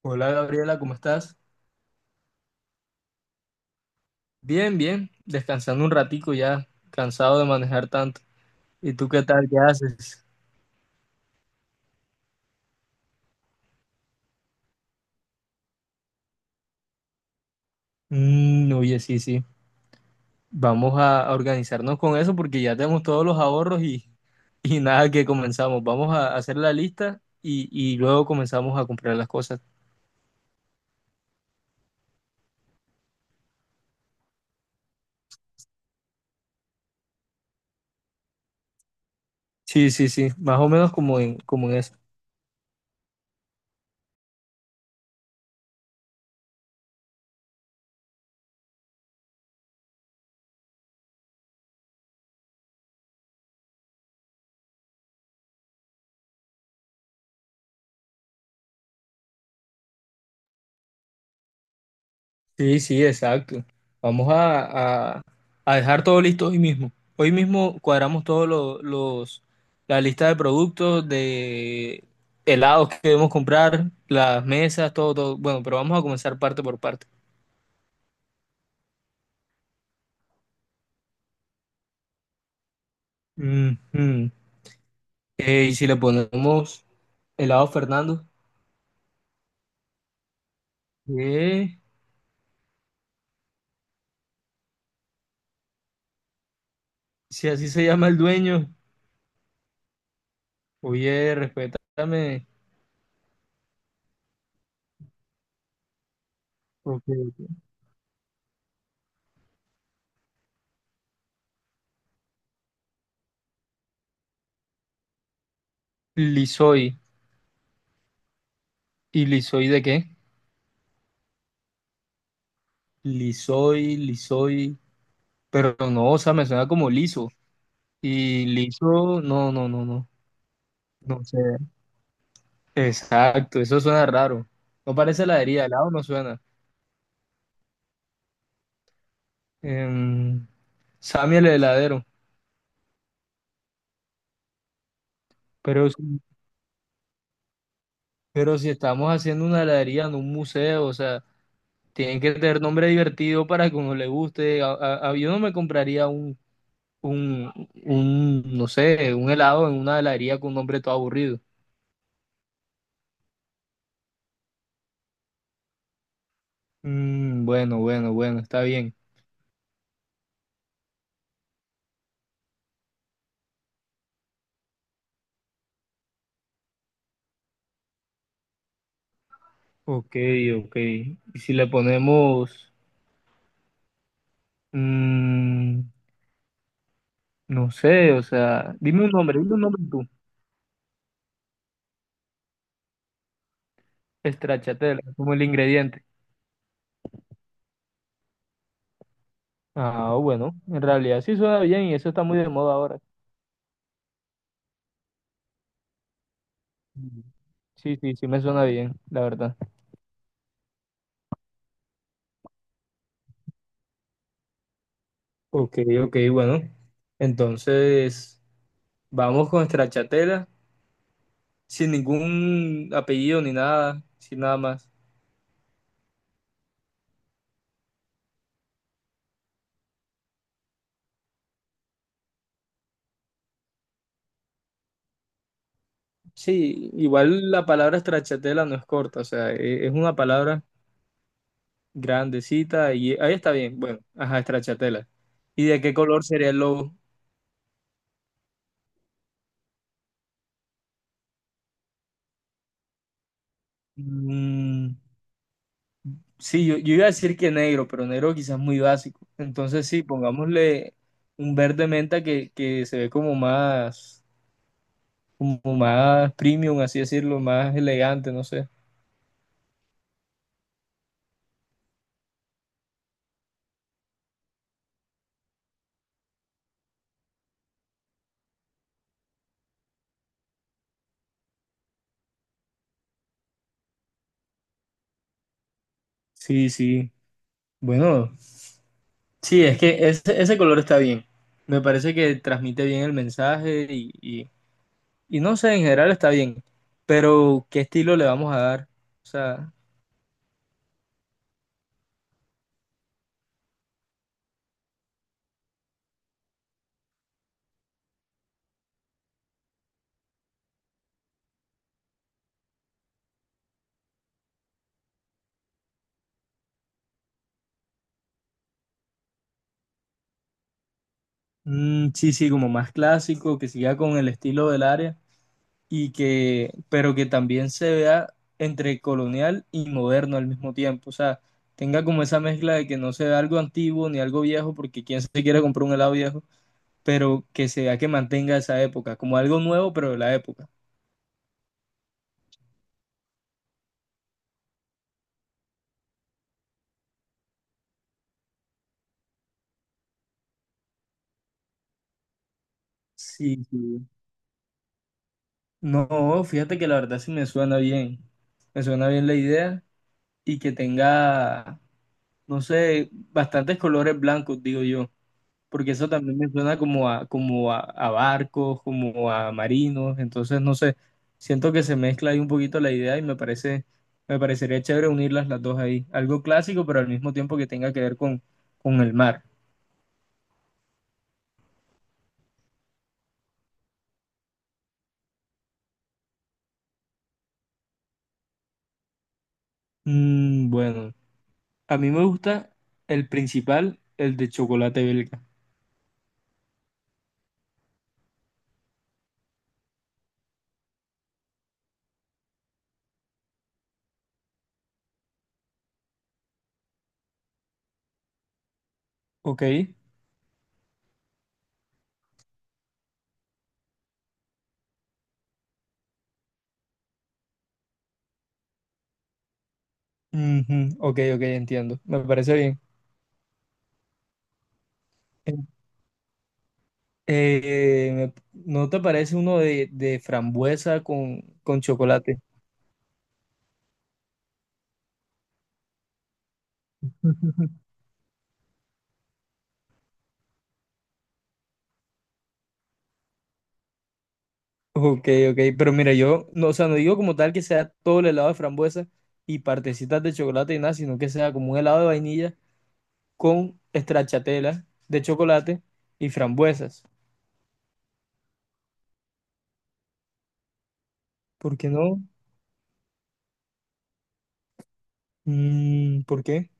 Hola Gabriela, ¿cómo estás? Bien, bien, descansando un ratico ya, cansado de manejar tanto. ¿Y tú qué tal? ¿Qué haces? Mm, oye, sí, sí. Vamos a organizarnos con eso porque ya tenemos todos los ahorros y nada que comenzamos. Vamos a hacer la lista y luego comenzamos a comprar las cosas. Sí, sí, sí, más o menos como en sí, sí, exacto. Vamos a dejar todo listo hoy mismo. Hoy mismo cuadramos la lista de productos, de helados que debemos comprar, las mesas, todo, todo. Bueno, pero vamos a comenzar parte por parte. Ujú. Y si le ponemos helado Fernando. ¿Qué? Si así se llama el dueño, oye, respétame. Ok, ok. Lisoy. ¿Y Lisoy de qué? Lisoy, Lisoy. Pero no, o sea, me suena como liso. Y liso, no, no, no, no. No sé. Exacto, eso suena raro. No parece heladería, helado no suena. Em, Sammy el heladero. Pero, si- pero si estamos haciendo una heladería en un museo, o sea, tienen que tener nombre divertido para que uno le guste. Yo no me compraría un, un, no sé, un helado en una heladería con un nombre todo aburrido. Mm, bueno, bueno, bueno, está bien. Ok, ok. Y si le ponemos, mm, no sé, o sea, dime un nombre tú. Stracciatella, como el ingrediente. Ah, bueno, en realidad sí suena bien y eso está muy de moda ahora. Mm. Sí, sí, sí me suena bien, la verdad. Ok, ok, bueno. Entonces, vamos con Stracciatella, sin ningún apellido ni nada, sin nada más. Sí, igual la palabra Stracciatella no es corta, o sea, es una palabra grandecita y ahí está bien. Bueno, ajá, estrachatela. ¿Y de qué color sería el logo? Mm, sí, yo iba a decir que negro, pero negro quizás muy básico. Entonces sí, pongámosle un verde menta que se ve como más premium, así decirlo, más elegante, no sé. Sí, sí. Bueno, sí, es que ese color está bien. Me parece que transmite bien el mensaje y no sé, en general está bien. Pero, ¿qué estilo le vamos a dar? O sea, mm, sí, sí, como más clásico, que siga con el estilo del área y que, pero que también se vea entre colonial y moderno al mismo tiempo. O sea, tenga como esa mezcla de que no se vea algo antiguo ni algo viejo, porque quién se quiere comprar un helado viejo, pero que se vea que mantenga esa época, como algo nuevo, pero de la época. Sí, sí. No, fíjate que la verdad sí me suena bien. Me suena bien la idea y que tenga, no sé, bastantes colores blancos, digo yo, porque eso también me suena como a barcos, como a marinos, entonces no sé, siento que se mezcla ahí un poquito la idea y me parece, me parecería chévere unirlas las dos ahí, algo clásico, pero al mismo tiempo que tenga que ver con el mar. Mm, bueno, a mí me gusta el principal, el de chocolate belga, ok. Ujú, ok, ok, entiendo, me parece bien. En- ¿No te parece uno de frambuesa con chocolate? Ok, ok, pero mira, yo no, o sea, no digo como tal que sea todo el helado de frambuesa y partecitas de chocolate y nada, sino que sea como un helado de vainilla con stracciatella de chocolate y frambuesas. ¿Por qué no? Mm, ¿por qué?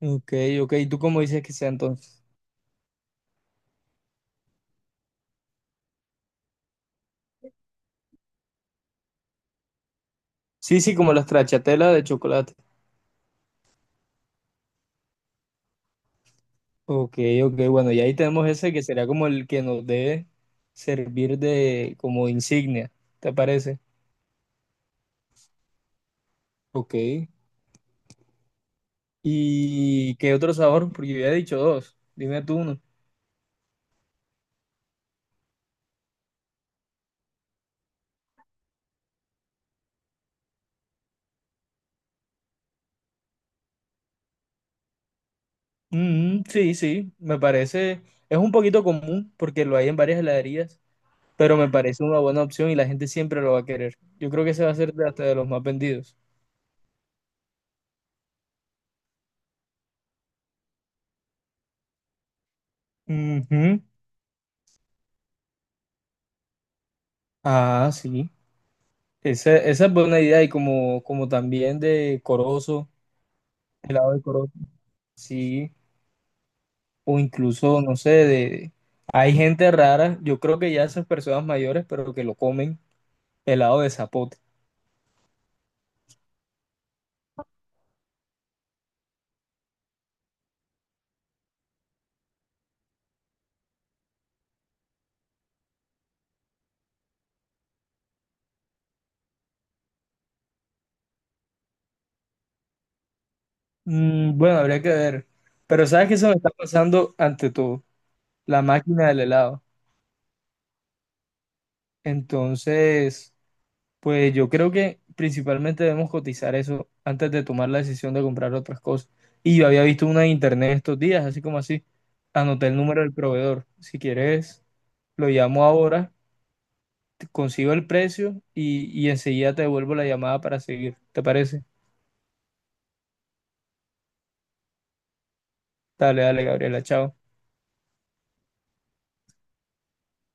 Ok, ok, ¿y tú cómo dices que sea entonces? Sí, sí, como la stracciatella de chocolate. Ok, ok, bueno, y ahí tenemos ese que sería como el que nos debe servir de como insignia, ¿te parece? Ok. ¿Y qué otro sabor? Porque yo había dicho dos. Dime tú uno. Mm, sí, sí, me parece. Es un poquito común porque lo hay en varias heladerías, pero me parece una buena opción y la gente siempre lo va a querer. Yo creo que ese va a ser hasta de los más vendidos. Ujú. Ah, sí. Esa es buena idea y como, como también de corozo, helado de corozo, sí, o incluso, no sé, de... Hay gente rara, yo creo que ya esas personas mayores, pero que lo comen helado de zapote. Mm, bueno, habría que ver. Pero sabes que eso me está pasando ante todo, la máquina del helado. Entonces, pues yo creo que principalmente debemos cotizar eso antes de tomar la decisión de comprar otras cosas. Y yo había visto una en internet estos días, así como así. Anoté el número del proveedor. Si quieres, lo llamo ahora, consigo el precio y enseguida te devuelvo la llamada para seguir. ¿Te parece? Dale, dale, Gabriela, chao.